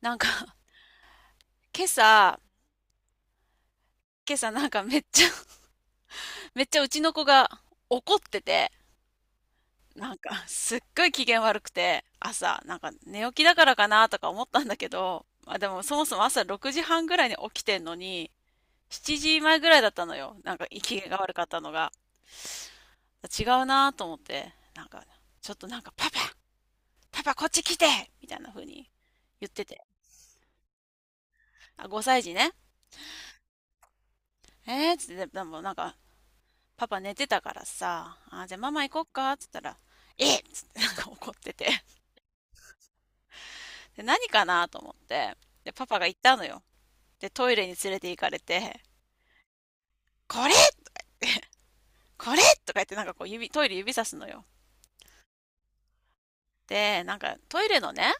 なんか、今朝、今朝めっちゃ、めっちゃうちの子が怒ってて、なんかすっごい機嫌悪くて、朝、なんか寝起きだからかなとか思ったんだけど、まあでもそもそも朝6時半ぐらいに起きてんのに、7時前ぐらいだったのよ。なんか機嫌が悪かったのが。違うなと思って、ちょっとなんかパパ、パパこっち来てみたいな風に言ってて。あ、5歳児ね。えーっつって、でもなんか、パパ寝てたからさ、あ、じゃあママ行こっかっつったら、えっつってなんか怒ってて。で、何かなと思って。で、パパが行ったのよ。で、トイレに連れて行かれて、これこれとか言ってなんかこう指、トイレ指さすのよ。で、なんかトイレのね、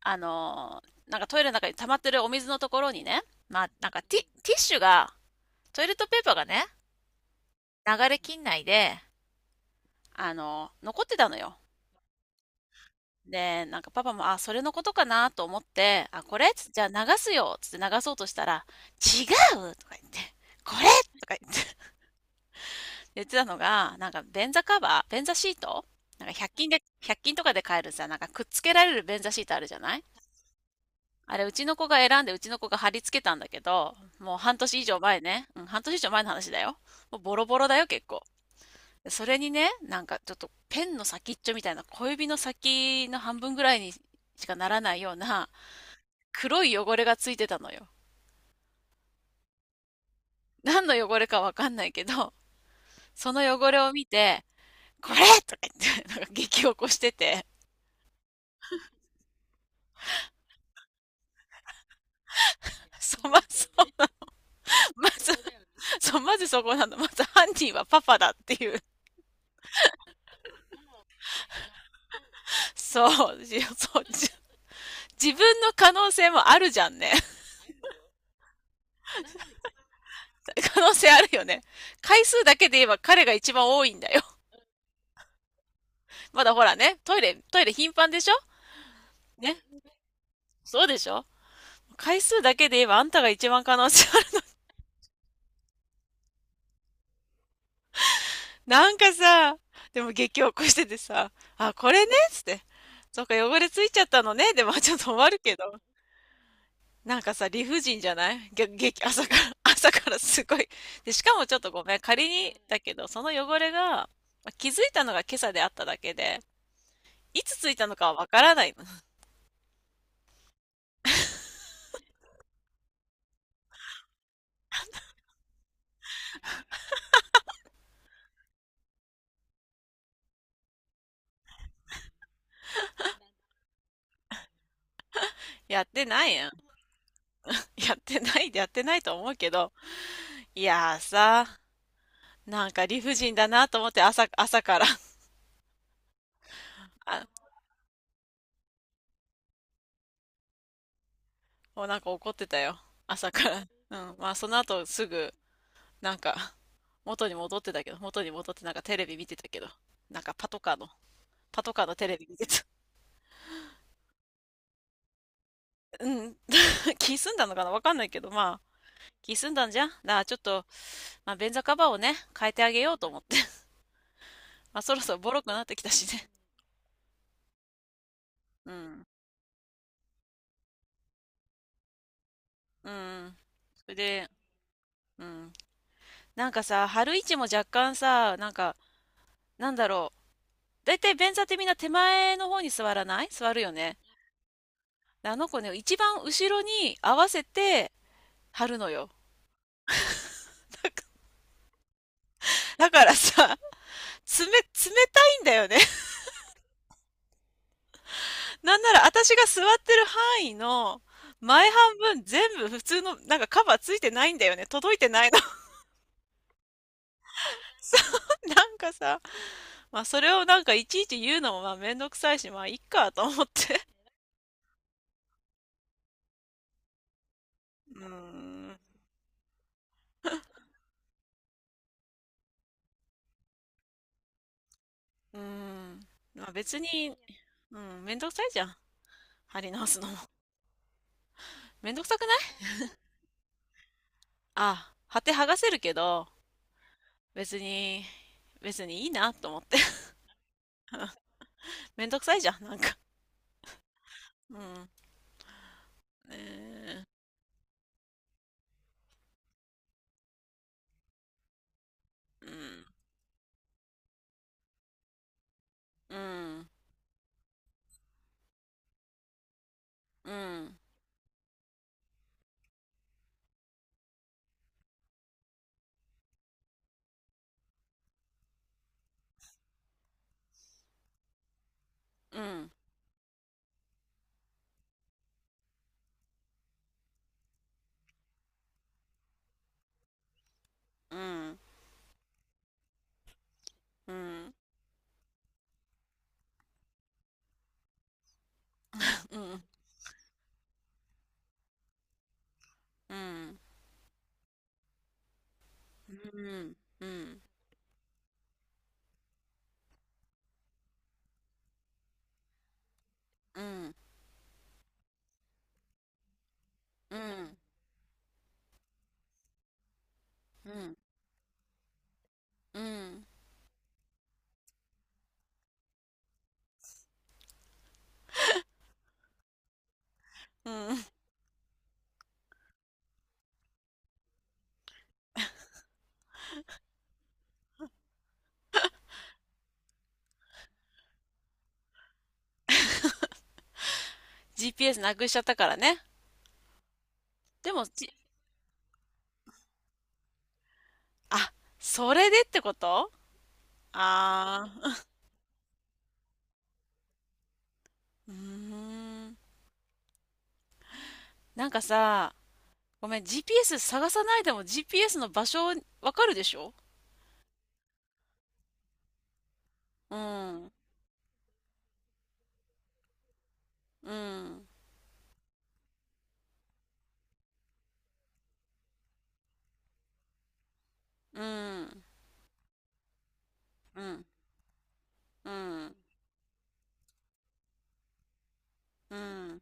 なんかトイレの中に溜まってるお水のところにね、まあ、ティッシュが、トイレットペーパーがね、流れきんで、残ってたのよ。で、なんかパパも、あ、それのことかなと思って、あ、これつってじゃあ流すよつって流そうとしたら、違うとか言って、これとか言って 言ってたのが、便座シートなんか100均で、1均とかで買えるさ、なんかくっつけられる便座シートあるじゃないあれ、うちの子が選んで、うちの子が貼り付けたんだけど、もう半年以上前ね。うん、半年以上前の話だよ。もうボロボロだよ、結構。でそれにね、なんかちょっとペンの先っちょみたいな、小指の先の半分ぐらいにしかならないような、黒い汚れがついてたのよ。何の汚れかわかんないけど、その汚れを見て、これとか言って、なんか激怒してて、そう、ま、ずまず、そう、まずそこなの。まず犯人はパパだっていう。そう、そう、自分の可能性もあるじゃんね。可能性あるよね。回数だけで言えば彼が一番多いんだよ。まだほらね、トイレ頻繁でしょ？ね。そうでしょ？回数だけで言えばあんたが一番可能性、なんかさ、でも激起こしててさ、あ、これねっつって。そっか、汚れついちゃったのね。でも、まあちょっと終わるけど。なんかさ、理不尽じゃないげ、激、朝から、朝からすごい。で、しかもちょっとごめん。仮に、だけど、その汚れが、まあ気づいたのが今朝であっただけで、いつついたのかはわからないの。やってないやん。やってないでやってないと思うけど。いやーさ、なんか理不尽だなと思って朝から。もうなんか怒ってたよ。朝から。うん。まあその後すぐ、なんか、元に戻ってたけど、元に戻ってなんかテレビ見てたけど、なんかパトカーの、パトカーのテレビ見てた。うん。気済んだのかなわかんないけど、まあ、気済んだんじゃんだからちょっと、まあ便座カバーをね、変えてあげようと思って。まあそろそろボロくなってきたしね。うん。うん。それで、うん。なんかさ、春市も若干さ、なんだろう。だいたい便座ってみんな手前の方に座らない座るよね。あの子ね、一番後ろに合わせて貼るのよ。だからさ、冷たいんだよね。なんなら私が座ってる範囲の前半分全部普通の、なんかカバーついてないんだよね。届いてないの。そう、なんかさ、まあそれをなんかいちいち言うのもまあめんどくさいし、まあいっかと思って。うーん。うーん。まあ別に、うん、めんどくさいじゃん。貼り直すのも。めんどくさくない？ああ、貼って剥がせるけど、別に、別にいいなと思って。めんどくさいじゃん、なんか。うん。えー、うん、うん、うん、うん、うん、うん、うん、うん、うん、うん、うん、うん、うん、うん、うん。GPS なくしちゃったからね。でも、じ、あ、それでってこと？ああー、うーん。なんかさ、ごめん、GPS 探さないでも GPS の場所わかるでしょ？うん、うん。うん、うん、うん、うん。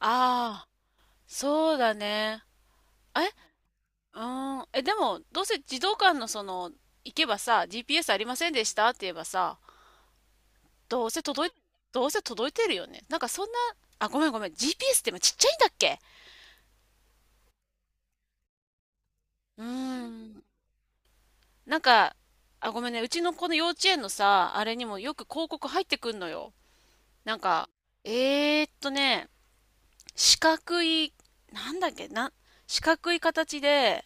ああ、そうだね。え、うん、え、でも、どうせ児童館のその、行けばさ、GPS ありませんでしたって言えばさ、どうせ届い、どうせ届いてるよね。なんかそんな、あ、ごめんごめん、GPS って今ちっちゃいんだっけ？うーん、なんか、あ、ごめんね、うちの子の幼稚園のさ、あれにもよく広告入ってくんのよ。なんか、ね、四角い、なんだっけ、な、四角い形で、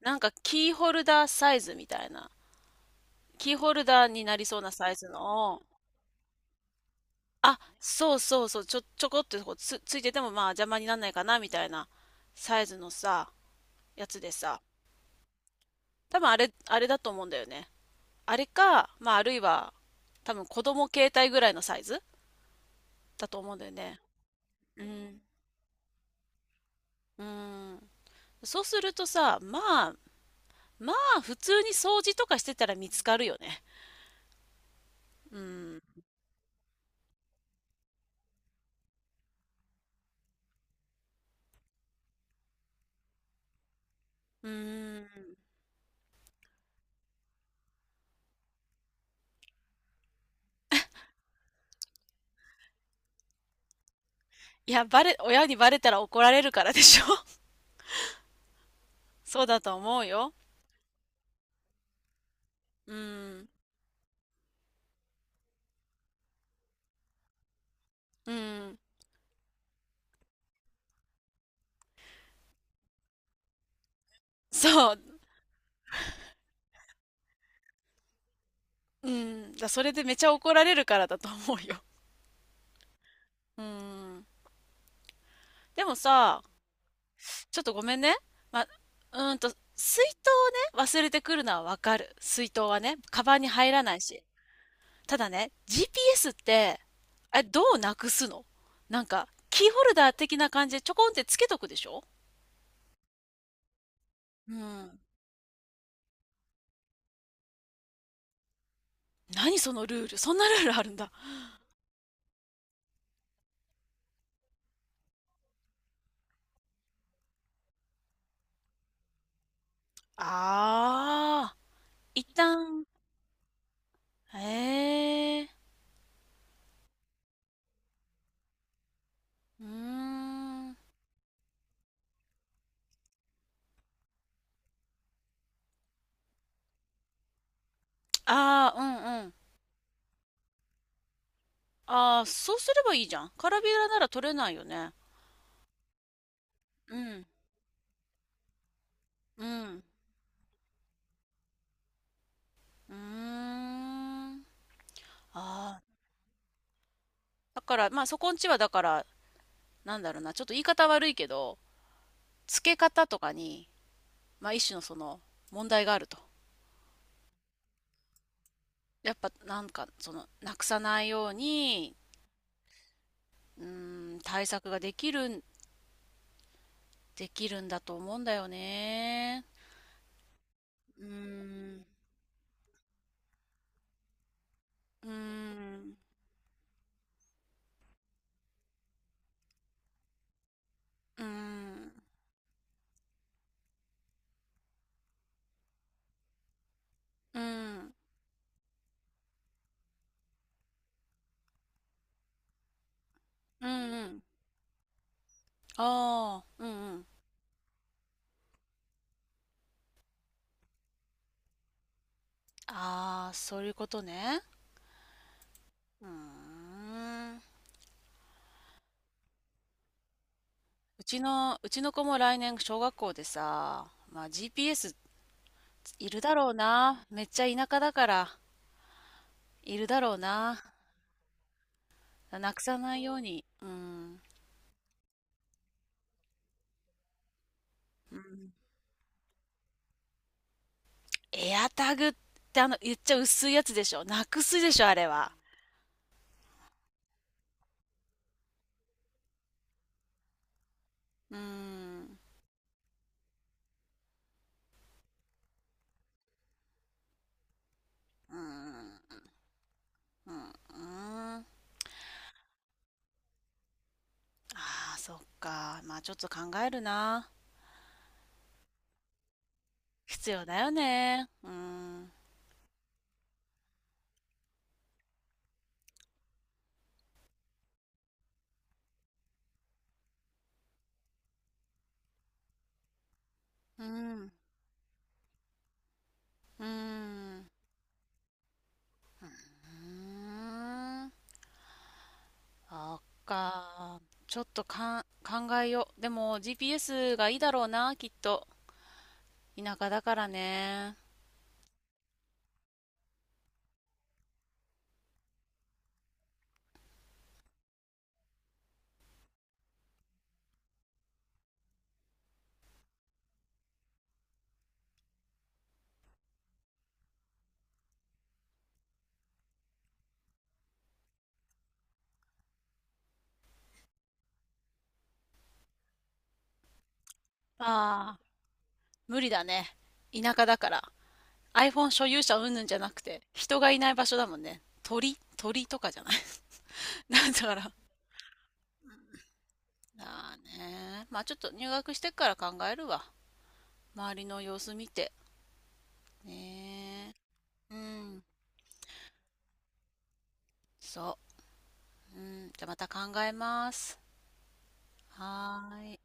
なんかキーホルダーサイズみたいな。キーホルダーになりそうなサイズのを、あ、そうそうそう、ちょこっとついててもまあ邪魔にならないかなみたいなサイズのさ、やつでさ、多分あれ、あれだと思うんだよね。あれか、まああるいは多分子供携帯ぐらいのサイズだと思うんだよね。うん。うん。そうするとさ、まあ、まあ普通に掃除とかしてたら見つかるよね。うん。うん。親にバレたら怒られるからでしょ？ そうだと思うよ。うん。うん。そう。うん。だ、それでめちゃ怒られるからだと思うよ。うん。でもさ、ちょっとごめんね。うーんと、水筒をね、忘れてくるのはわかる。水筒はね、カバンに入らないし。ただね、GPS って、あれ、どうなくすの？なんか、キーホルダー的な感じでちょこんってつけとくでしょ？うん。何そのルール？そんなルールあるんだ。ああ。一旦、へえ、うーん。ああ、うんうん。ああ、そうすればいいじゃん。カラビラなら取れないよね。うん、うん、うーん。ああ、だから、まあそこんちはだから、なんだろうな、ちょっと言い方悪いけど、付け方とかに、まあ一種のその問題があると。やっぱなんか、その、なくさないように、うーん、対策ができるん、できるんだと思うんだよね。うーん。うーん。うーん、うん、うん、うん。ああ、うんうん。ああ、そういうことね。うーん。うちの子も来年小学校でさ、まあ GPS いるだろうな。めっちゃ田舎だから、いるだろうな。なくさないように。うん。うん。エアタグってあの、言っちゃ薄いやつでしょ。なくすでしょ、あれは。うーん。うーん。うん。うん。ああ、そっか。まあちょっと考えるな。必要だよね。うーん。うーん。うーん。うーん。あっか。ちょっとかん、考えよう。でも GPS がいいだろうな、きっと。田舎だからね。ああ、無理だね。田舎だから。iPhone 所有者云々じゃなくて、人がいない場所だもんね。鳥とかじゃない。だから。だね。まあちょっと入学してから考えるわ。周りの様子見て。ねえ。うん。そう。うん、じゃあまた考えます。はーい。